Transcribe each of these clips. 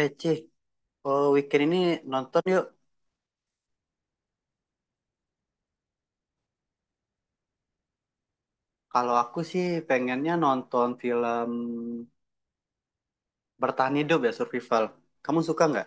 Eh, Cih, oh, weekend ini nonton yuk. Kalau aku sih pengennya nonton film bertahan hidup, ya, survival. Kamu suka nggak?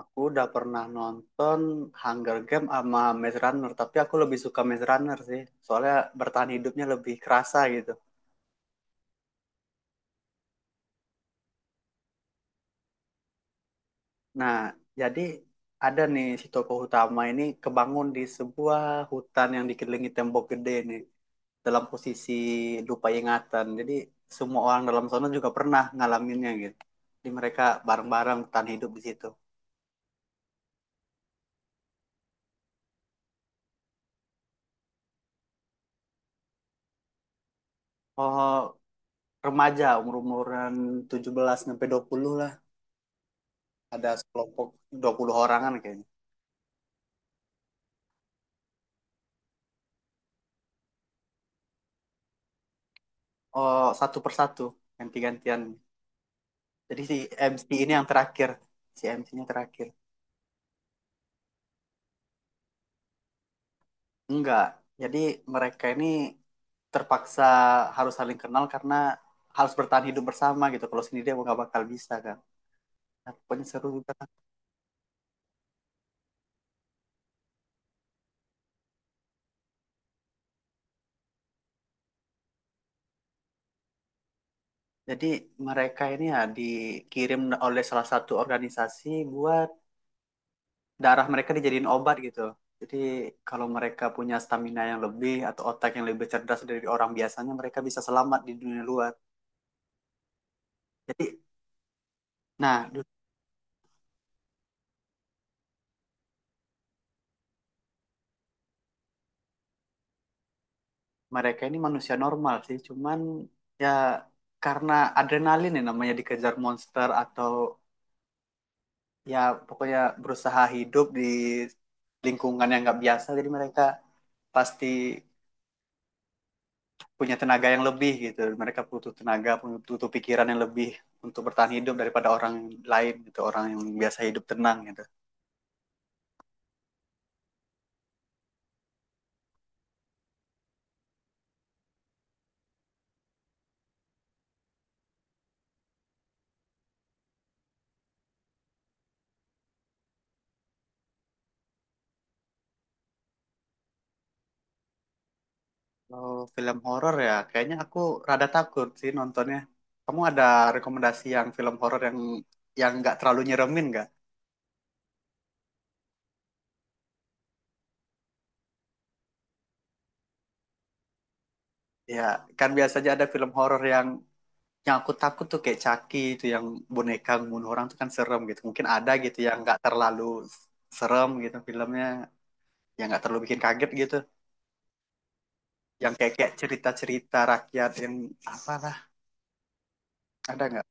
Aku udah pernah nonton Hunger Game sama Maze Runner, tapi aku lebih suka Maze Runner sih. Soalnya bertahan hidupnya lebih kerasa gitu. Nah, jadi ada nih si tokoh utama ini kebangun di sebuah hutan yang dikelilingi tembok gede nih, dalam posisi lupa ingatan. Jadi semua orang dalam sana juga pernah ngalaminnya gitu. Jadi mereka bareng-bareng bertahan hidup di situ. Oh, remaja umur-umuran 17 sampai 20 lah. Ada kelompok 20 orangan kayaknya. Oh, satu persatu ganti-gantian. Jadi si MC ini yang terakhir. Si MC-nya terakhir. Enggak. Jadi mereka ini terpaksa harus saling kenal karena harus bertahan hidup bersama gitu. Kalau sendiri dia nggak bakal bisa kan. Nah, pokoknya seru juga. Jadi mereka ini ya dikirim oleh salah satu organisasi buat darah mereka dijadiin obat gitu. Jadi kalau mereka punya stamina yang lebih atau otak yang lebih cerdas dari orang biasanya, mereka bisa selamat di dunia luar. Jadi, nah du- mereka ini manusia normal sih, cuman ya karena adrenalin, ya namanya dikejar monster atau ya pokoknya berusaha hidup di lingkungan yang nggak biasa, jadi mereka pasti punya tenaga yang lebih gitu. Mereka butuh tenaga, butuh pikiran yang lebih untuk bertahan hidup daripada orang lain gitu, orang yang biasa hidup tenang gitu. Kalau film horor ya, kayaknya aku rada takut sih nontonnya. Kamu ada rekomendasi yang film horor yang nggak terlalu nyeremin nggak? Ya, kan biasanya ada film horor yang aku takut tuh kayak Chucky itu yang boneka bunuh orang tuh kan serem gitu. Mungkin ada gitu yang nggak terlalu serem gitu filmnya, yang nggak terlalu bikin kaget gitu. Yang kayak cerita-cerita rakyat yang apalah, ada nggak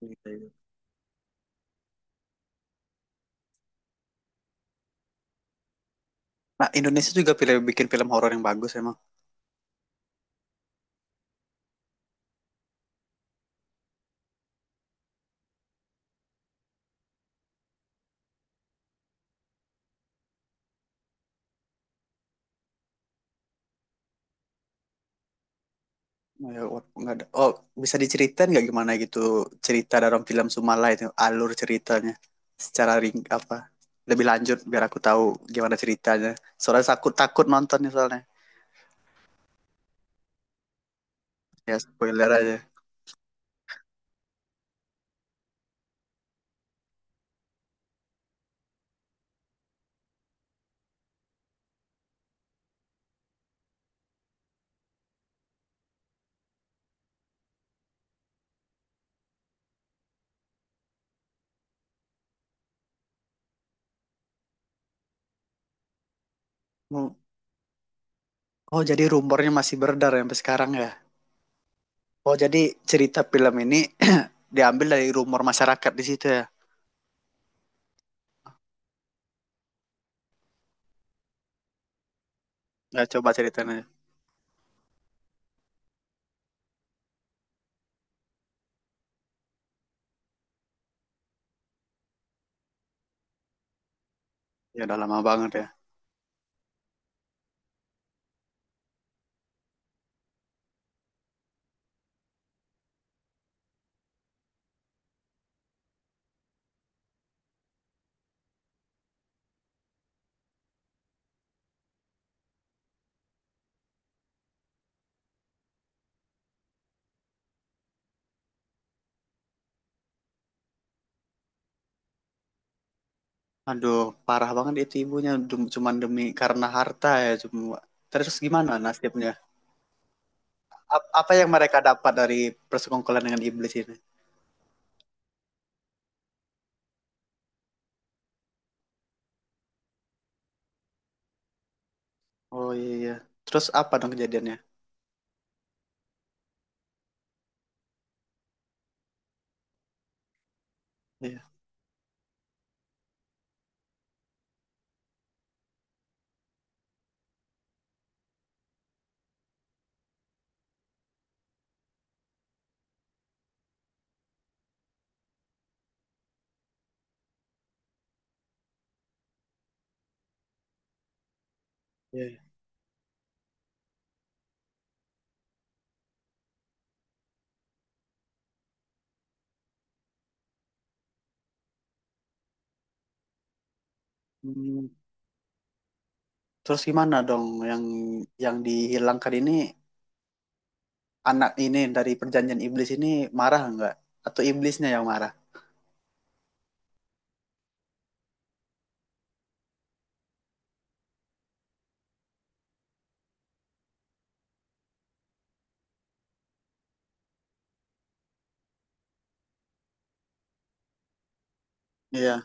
gitu. Nah, Indonesia juga pilih bikin film horor yang bagus emang. Ya, wah, nggak ada, oh, bisa diceritain nggak gimana gitu cerita dalam film Sumala itu, alur ceritanya secara ring apa lebih lanjut biar aku tahu gimana ceritanya, soalnya takut takut nontonnya soalnya. Ya spoiler aja. Oh, jadi rumornya masih beredar ya sampai sekarang ya. Oh, jadi cerita film ini diambil dari rumor masyarakat di situ ya. Ya coba ceritain aja. Ya udah lama banget ya. Aduh, parah banget itu ibunya. Cuman demi karena harta ya cuma. Terus gimana nasibnya? Apa yang mereka dapat dari persekongkolan dengan iblis ini? Oh iya iya. Terus apa dong kejadiannya? Iya iya. Hmm. Terus gimana dong yang dihilangkan ini, anak ini, dari perjanjian iblis ini, marah nggak? Atau iblisnya yang marah? Iya.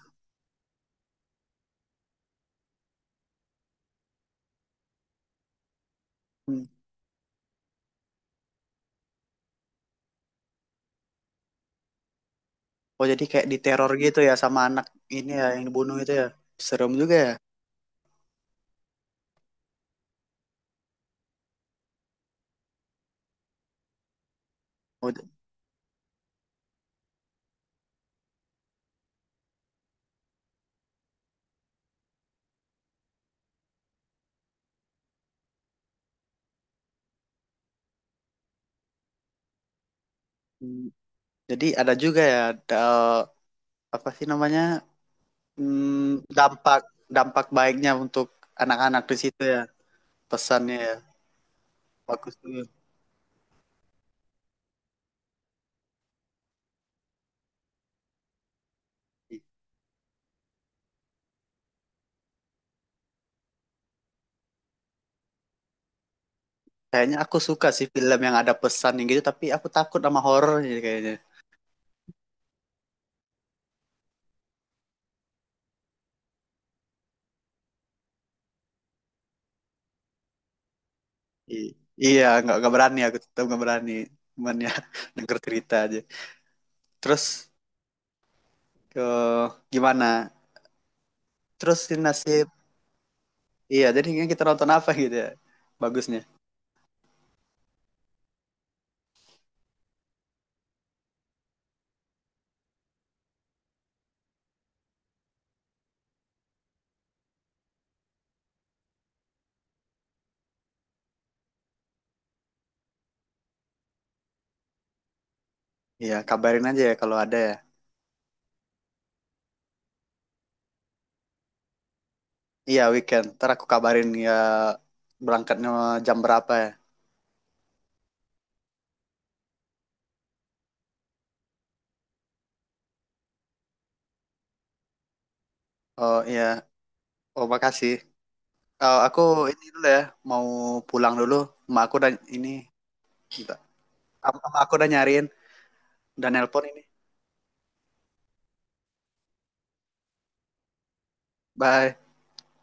Hmm. Oh jadi kayak diteror gitu ya sama anak ini ya, yang dibunuh itu ya. Serem juga ya. Oh, hmm. Jadi ada juga ya, da- apa sih namanya, hmm, dampak dampak baiknya untuk anak-anak di situ ya, pesannya ya, bagus tuh. Kayaknya aku suka sih film yang ada pesan yang gitu, tapi aku takut sama horor jadi kayaknya. I- iya, nggak berani, aku tetap nggak berani, cuman ya denger cerita aja. Terus ke gimana? Terus si nasib, iya jadi kita nonton apa gitu ya bagusnya. Iya kabarin aja ya kalau ada ya. Iya weekend. Ntar aku kabarin ya berangkatnya jam berapa ya. Oh iya. Oh makasih. Eh, aku ini dulu ya. Mau pulang dulu. Emak aku dan ini. Bentar. Emak aku udah nyariin. Dan nelpon ini. Bye.